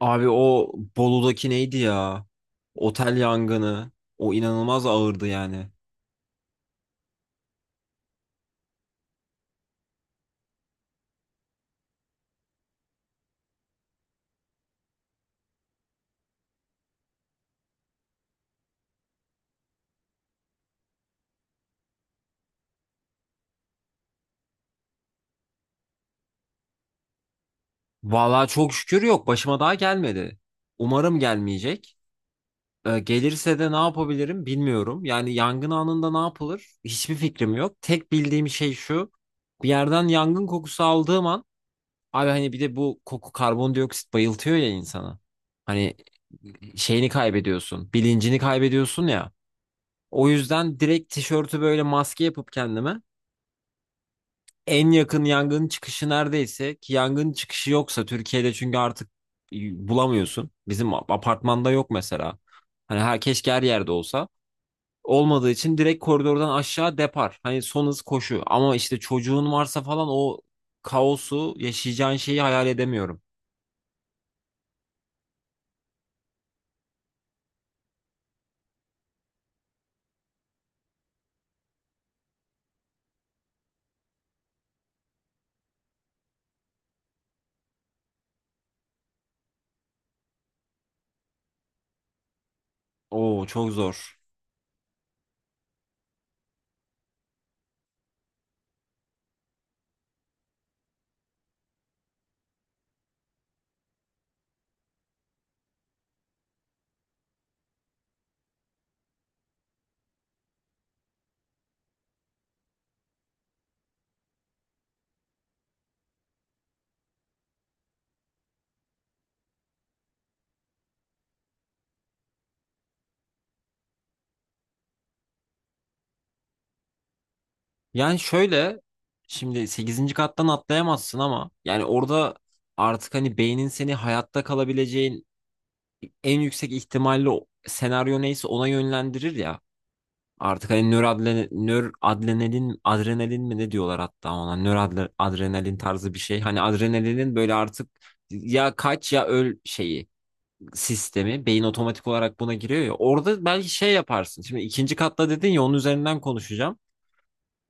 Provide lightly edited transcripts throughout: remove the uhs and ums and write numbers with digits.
Abi o Bolu'daki neydi ya? Otel yangını. O inanılmaz ağırdı yani. Vallahi çok şükür yok. Başıma daha gelmedi. Umarım gelmeyecek. Gelirse de ne yapabilirim bilmiyorum. Yani yangın anında ne yapılır? Hiçbir fikrim yok. Tek bildiğim şey şu. Bir yerden yangın kokusu aldığım an abi hani bir de bu koku karbondioksit bayıltıyor ya insana. Hani şeyini kaybediyorsun, bilincini kaybediyorsun ya. O yüzden direkt tişörtü böyle maske yapıp kendime en yakın yangın çıkışı neredeyse ki yangın çıkışı yoksa Türkiye'de çünkü artık e, bulamıyorsun. Bizim apartmanda yok mesela. Hani her keşke her yerde olsa. Olmadığı için direkt koridordan aşağı depar. Hani son hız koşu. Ama işte çocuğun varsa falan o kaosu yaşayacağın şeyi hayal edemiyorum. Oo çok zor. Yani şöyle şimdi sekizinci kattan atlayamazsın ama yani orada artık hani beynin seni hayatta kalabileceğin en yüksek ihtimalle o senaryo neyse ona yönlendirir ya. Artık hani nöradrenalin, adrenalin mi ne diyorlar hatta ona nöradrenalin tarzı bir şey. Hani adrenalinin böyle artık ya kaç ya öl şeyi sistemi beyin otomatik olarak buna giriyor ya. Orada belki şey yaparsın. Şimdi ikinci katta dedin ya onun üzerinden konuşacağım.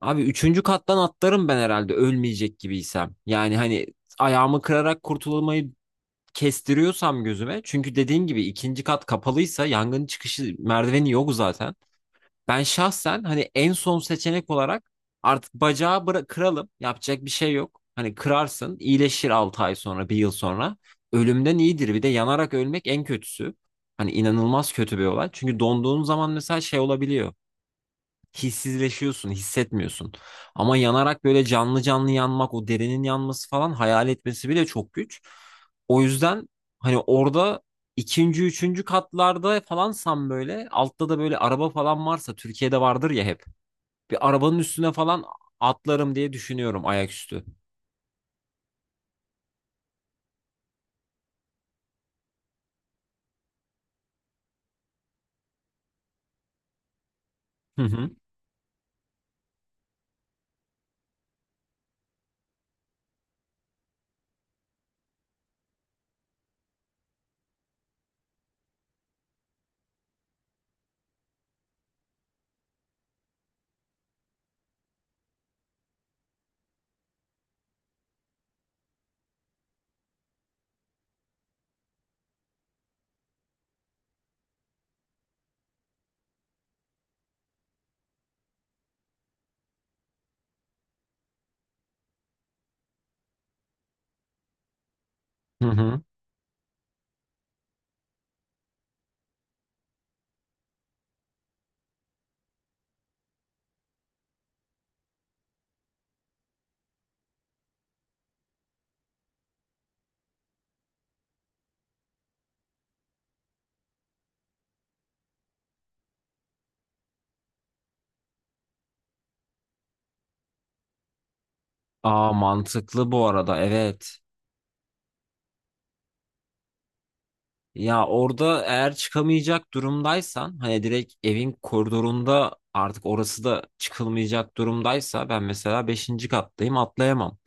Abi üçüncü kattan atlarım ben herhalde ölmeyecek gibiysem. Yani hani ayağımı kırarak kurtulmayı kestiriyorsam gözüme çünkü dediğin gibi ikinci kat kapalıysa yangın çıkışı merdiveni yok zaten. Ben şahsen hani en son seçenek olarak artık bacağı kıralım yapacak bir şey yok. Hani kırarsın iyileşir 6 ay sonra bir yıl sonra. Ölümden iyidir bir de yanarak ölmek en kötüsü. Hani inanılmaz kötü bir olay. Çünkü donduğun zaman mesela şey olabiliyor hissizleşiyorsun, hissetmiyorsun. Ama yanarak böyle canlı canlı yanmak, o derinin yanması falan hayal etmesi bile çok güç. O yüzden hani orada ikinci, üçüncü katlarda falansan böyle altta da böyle araba falan varsa Türkiye'de vardır ya hep. Bir arabanın üstüne falan atlarım diye düşünüyorum ayaküstü. Hı hı. Hı hı. Aa mantıklı bu arada evet. Ya orada eğer çıkamayacak durumdaysan hani direkt evin koridorunda artık orası da çıkılmayacak durumdaysa ben mesela beşinci kattayım atlayamam.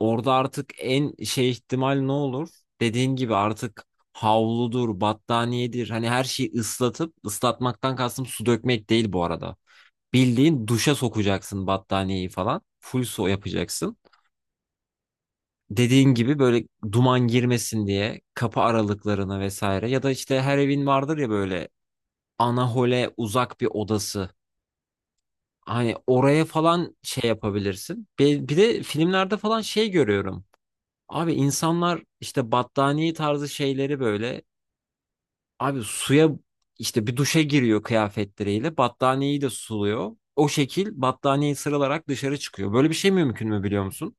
Orada artık en şey ihtimal ne olur? Dediğin gibi artık havludur, battaniyedir hani her şeyi ıslatıp ıslatmaktan kastım su dökmek değil bu arada. Bildiğin duşa sokacaksın battaniyeyi falan. Full su yapacaksın dediğin gibi böyle duman girmesin diye kapı aralıklarına vesaire ya da işte her evin vardır ya böyle anahole uzak bir odası. Hani oraya falan şey yapabilirsin. Bir de filmlerde falan şey görüyorum. Abi insanlar işte battaniye tarzı şeyleri böyle abi suya işte bir duşa giriyor kıyafetleriyle battaniyeyi de suluyor. O şekil battaniyeyi sıralarak dışarı çıkıyor. Böyle bir şey mümkün mü biliyor musun?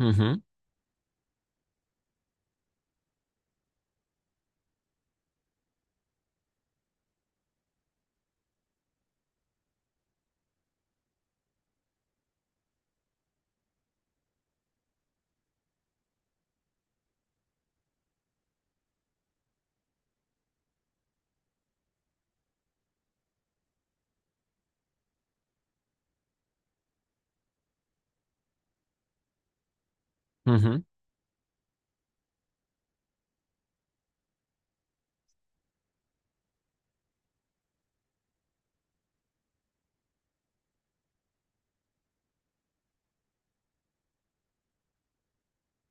Hı hı. Hı hı.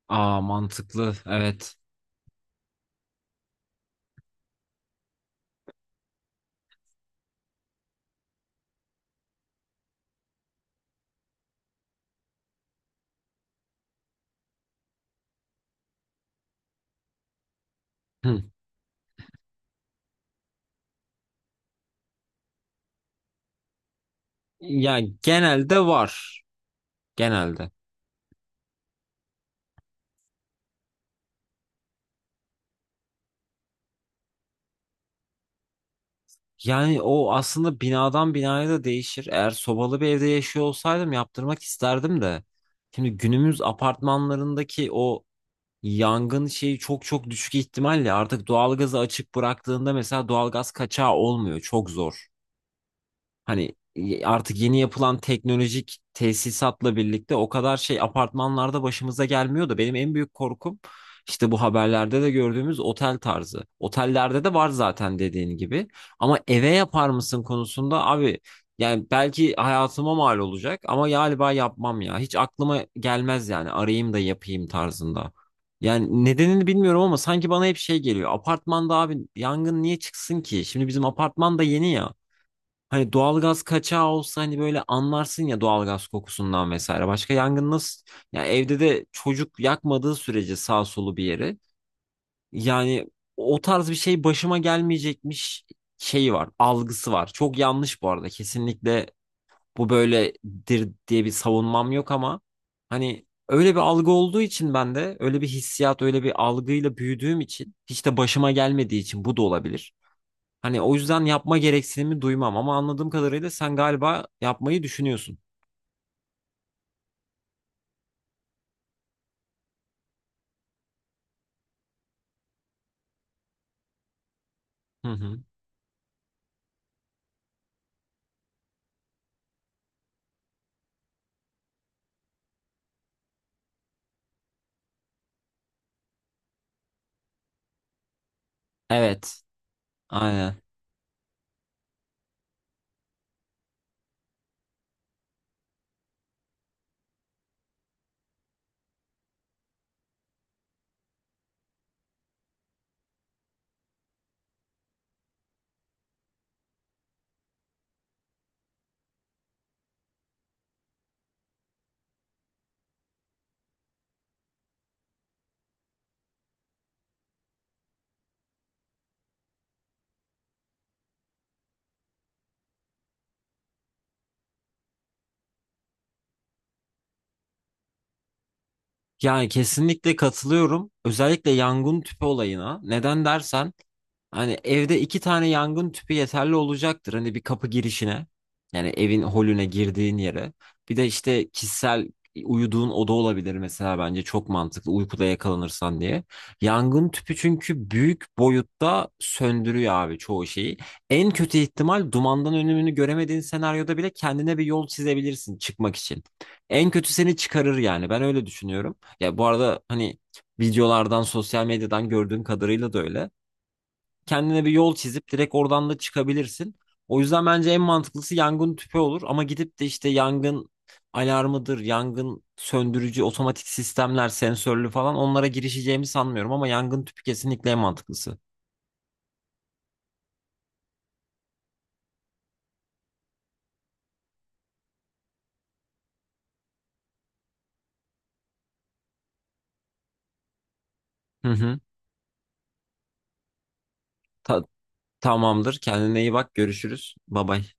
Aa mantıklı. Evet. Hı. Ya genelde var. Genelde. Yani o aslında binadan binaya da değişir. Eğer sobalı bir evde yaşıyor olsaydım yaptırmak isterdim de. Şimdi günümüz apartmanlarındaki o yangın şeyi çok çok düşük ihtimalle artık doğalgazı açık bıraktığında mesela doğalgaz kaçağı olmuyor. Çok zor. Hani artık yeni yapılan teknolojik tesisatla birlikte o kadar şey apartmanlarda başımıza gelmiyor da benim en büyük korkum işte bu haberlerde de gördüğümüz otel tarzı. Otellerde de var zaten dediğin gibi. Ama eve yapar mısın konusunda abi yani belki hayatıma mal olacak ama galiba yapmam ya. Hiç aklıma gelmez yani arayayım da yapayım tarzında. Yani nedenini bilmiyorum ama sanki bana hep şey geliyor. Apartmanda abi yangın niye çıksın ki? Şimdi bizim apartman da yeni ya. Hani doğalgaz kaçağı olsa hani böyle anlarsın ya doğalgaz kokusundan vesaire. Başka yangın nasıl? Ya evde de çocuk yakmadığı sürece sağ solu bir yeri. Yani o tarz bir şey başıma gelmeyecekmiş şeyi var, algısı var. Çok yanlış bu arada. Kesinlikle bu böyledir diye bir savunmam yok ama hani öyle bir algı olduğu için ben de öyle bir hissiyat, öyle bir algıyla büyüdüğüm için hiç de başıma gelmediği için bu da olabilir. Hani o yüzden yapma gereksinimi duymam ama anladığım kadarıyla sen galiba yapmayı düşünüyorsun. Hı hı. Evet, aynen. Yani kesinlikle katılıyorum. Özellikle yangın tüpü olayına. Neden dersen hani evde iki tane yangın tüpü yeterli olacaktır. Hani bir kapı girişine yani evin holüne girdiğin yere. Bir de işte kişisel uyuduğun oda olabilir mesela bence çok mantıklı uykuda yakalanırsan diye. Yangın tüpü çünkü büyük boyutta söndürüyor abi çoğu şeyi. En kötü ihtimal dumandan önümünü göremediğin senaryoda bile kendine bir yol çizebilirsin çıkmak için. En kötü seni çıkarır yani ben öyle düşünüyorum. Ya bu arada hani videolardan sosyal medyadan gördüğüm kadarıyla da öyle kendine bir yol çizip direkt oradan da çıkabilirsin. O yüzden bence en mantıklısı yangın tüpü olur ama gidip de işte yangın alarmıdır, yangın söndürücü otomatik sistemler, sensörlü falan onlara girişeceğimi sanmıyorum ama yangın tüpü kesinlikle en mantıklısı. Hı hı. Ta- Tamamdır. Kendine iyi bak. Görüşürüz. Bay bay.